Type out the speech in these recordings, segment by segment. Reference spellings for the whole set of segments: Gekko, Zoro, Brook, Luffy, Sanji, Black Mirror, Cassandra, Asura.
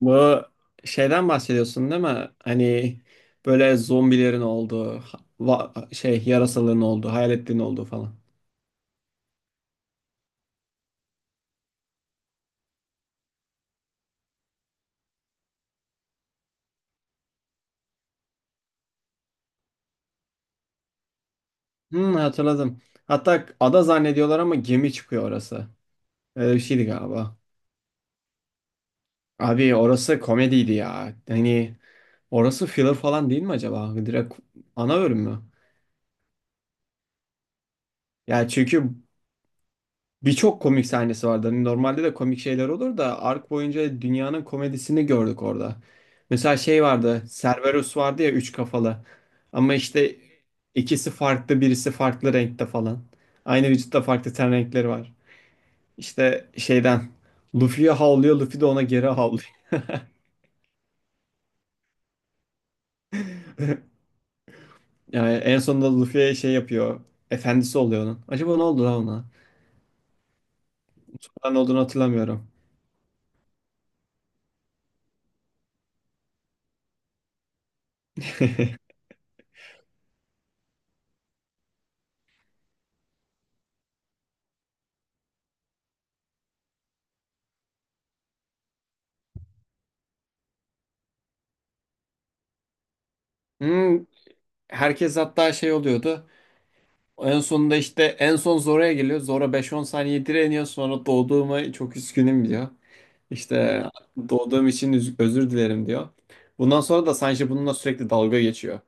Bu şeyden bahsediyorsun değil mi? Hani böyle zombilerin olduğu, yarasaların olduğu, hayaletlerin olduğu falan. Hmm, hatırladım. Hatta ada zannediyorlar ama gemi çıkıyor orası. Öyle bir şeydi galiba. Abi orası komediydi ya. Hani orası filler falan değil mi acaba? Direkt ana bölüm mü? Ya çünkü birçok komik sahnesi vardı. Hani normalde de komik şeyler olur da ark boyunca dünyanın komedisini gördük orada. Mesela şey vardı. Cerberus vardı ya üç kafalı. Ama işte ikisi farklı, birisi farklı renkte falan. Aynı vücutta farklı ten renkleri var. İşte şeyden Luffy'ye havlıyor, Luffy de ona geri havlıyor. Yani en sonunda Luffy'ye şey yapıyor. Efendisi oluyor onun. Acaba ne oldu lan ona? Ben olduğunu hatırlamıyorum. Hmm, herkes hatta şey oluyordu. En sonunda işte en son Zora'ya geliyor. Zora 5-10 saniye direniyor. Sonra doğduğuma çok üzgünüm diyor. İşte özür dilerim diyor. Bundan sonra da Sanji bununla sürekli dalga geçiyor.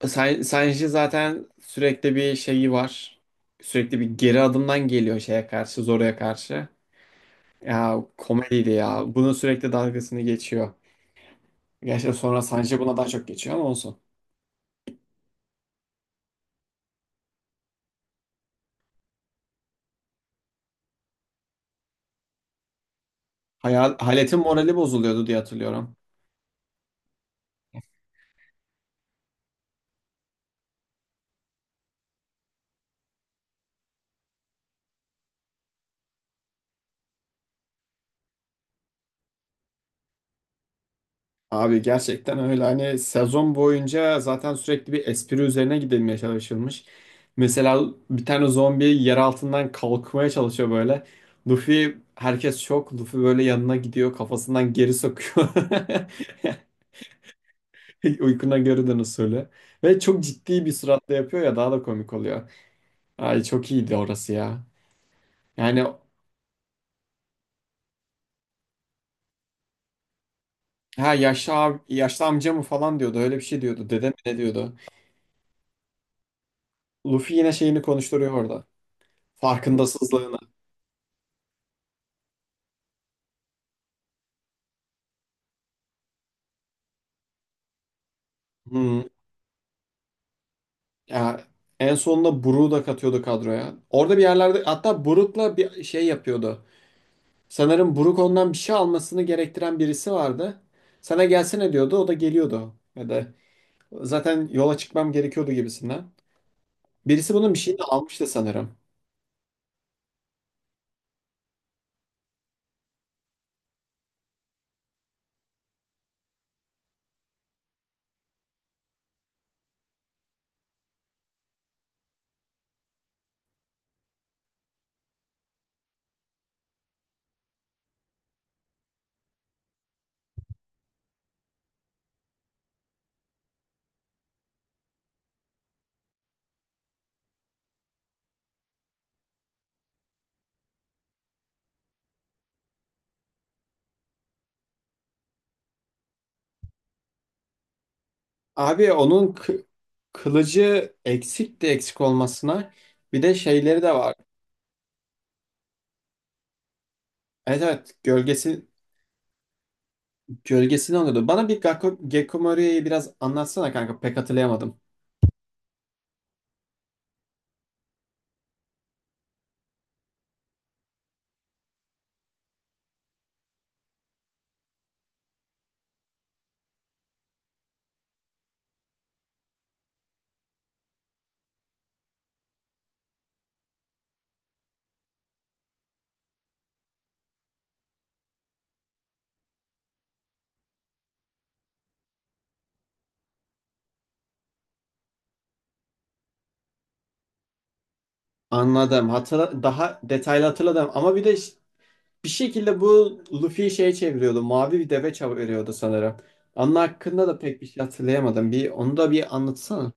Sanji zaten sürekli bir şeyi var. Sürekli bir geri adımdan geliyor şeye karşı, Zora'ya karşı. Ya komediydi ya. Bunun sürekli dalgasını geçiyor. Gerçi sonra Sanji buna daha çok geçiyor ama olsun. Hayal, Halet'in morali bozuluyordu diye hatırlıyorum. Abi gerçekten öyle, hani sezon boyunca zaten sürekli bir espri üzerine gidilmeye çalışılmış. Mesela bir tane zombi yer altından kalkmaya çalışıyor böyle. Luffy herkes şok. Luffy böyle yanına gidiyor kafasından geri sokuyor. Uykuna görüden usulü. Ve çok ciddi bir suratla yapıyor ya daha da komik oluyor. Ay çok iyiydi orası ya. Yani ha yaşlı, yaşlı amca mı falan diyordu. Öyle bir şey diyordu. Dede mi ne diyordu. Luffy yine şeyini konuşturuyor orada. Farkındasızlığını. Hı. Ya, en sonunda Brook'u da katıyordu kadroya. Orada bir yerlerde hatta Brook'la bir şey yapıyordu. Sanırım Brook ondan bir şey almasını gerektiren birisi vardı. Sana gelsene diyordu. O da geliyordu. Ya da zaten yola çıkmam gerekiyordu gibisinden. Birisi bunun bir şeyini almıştı sanırım. Abi onun kı- kılıcı eksik de eksik olmasına bir de şeyleri de var. Evet evet, gölgesini alıyordu. Bana bir Gakko, Gekko biraz anlatsana kanka pek hatırlayamadım. Anladım. Hatırla, daha detaylı hatırladım ama bir şekilde bu Luffy'yi şeye çeviriyordu. Mavi bir deve çeviriyordu sanırım. Onun hakkında da pek bir şey hatırlayamadım. Bir onu da bir anlatsana.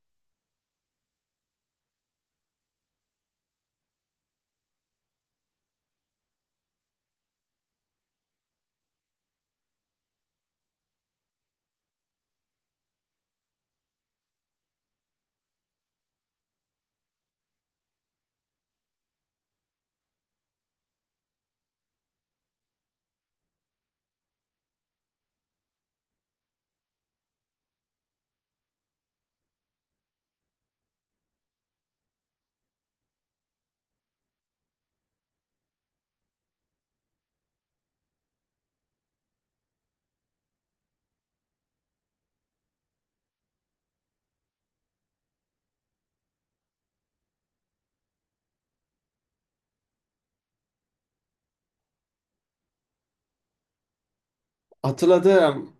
Hatırladım.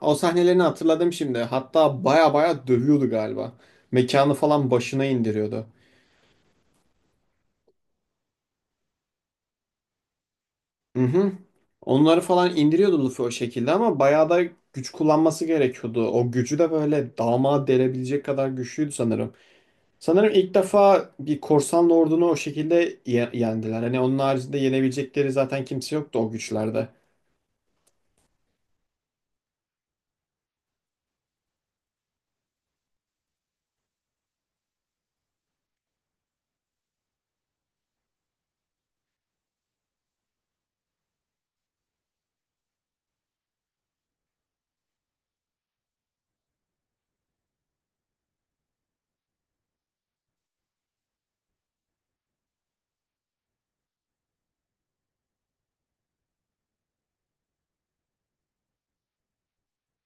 O sahnelerini hatırladım şimdi. Hatta baya baya dövüyordu galiba. Mekanı falan başına indiriyordu. Hı hı. Onları falan indiriyordu Luffy o şekilde ama bayağı da güç kullanması gerekiyordu. O gücü de böyle damağa delebilecek kadar güçlüydü sanırım. Sanırım ilk defa bir korsan ordunu o şekilde yendiler. Hani onun haricinde yenebilecekleri zaten kimse yoktu o güçlerde.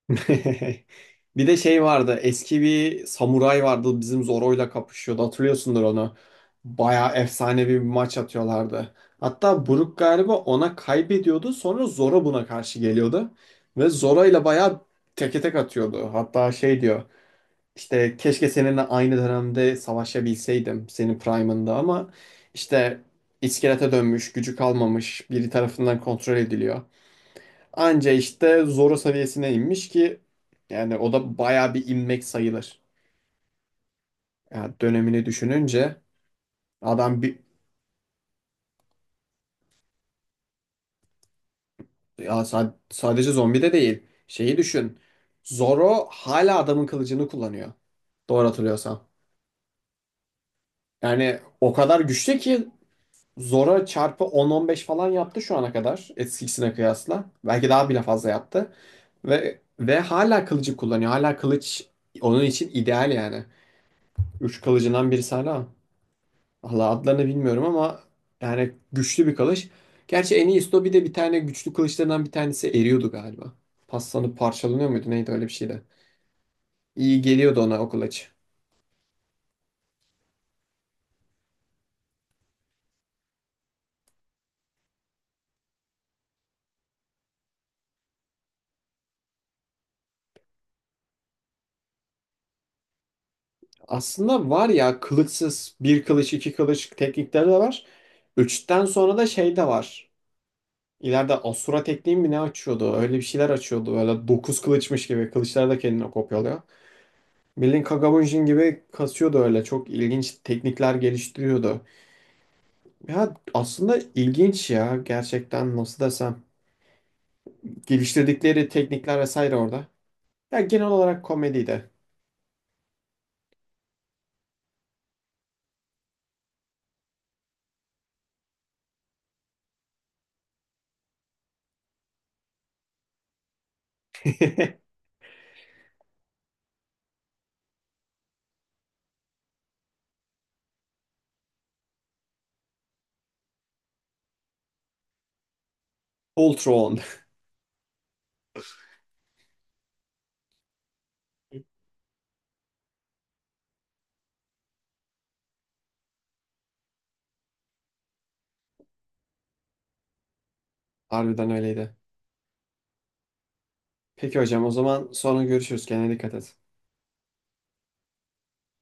Bir de şey vardı. Eski bir samuray vardı. Bizim Zoro'yla kapışıyordu. Hatırlıyorsundur onu. Bayağı efsanevi bir maç atıyorlardı. Hatta Brook galiba ona kaybediyordu. Sonra Zoro buna karşı geliyordu. Ve Zoro'yla bayağı teke tek atıyordu. Hatta şey diyor. İşte keşke seninle aynı dönemde savaşabilseydim. Senin prime'ında ama işte iskelete dönmüş, gücü kalmamış, biri tarafından kontrol ediliyor. Anca işte Zoro seviyesine inmiş ki yani o da bayağı bir inmek sayılır. Yani dönemini düşününce adam bir, sadece zombi de değil. Şeyi düşün. Zoro hala adamın kılıcını kullanıyor. Doğru hatırlıyorsam. Yani o kadar güçlü ki Zoro çarpı 10-15 falan yaptı şu ana kadar. Eskisine kıyasla. Belki daha bile fazla yaptı. Ve hala kılıcı kullanıyor. Hala kılıç onun için ideal yani. Üç kılıcından birisi hala. Valla adlarını bilmiyorum ama yani güçlü bir kılıç. Gerçi Enisto bir de bir tane güçlü kılıçlarından bir tanesi eriyordu galiba. Paslanıp parçalanıyor muydu neydi öyle bir şeydi. İyi geliyordu ona o kılıç. Aslında var ya kılıçsız bir kılıç iki kılıç teknikleri de var. Üçten sonra da şey de var. İleride Asura tekniği mi ne açıyordu? Öyle bir şeyler açıyordu. Böyle 9 kılıçmış gibi. Kılıçlar da kendini kopyalıyor. Bildiğin Kagabunjin gibi kasıyordu öyle. Çok ilginç teknikler geliştiriyordu. Ya aslında ilginç ya gerçekten nasıl desem. Geliştirdikleri teknikler vesaire orada. Ya genel olarak komediydi. Ultra on. Harbiden öyleydi. Peki hocam o zaman sonra görüşürüz. Kendine dikkat et.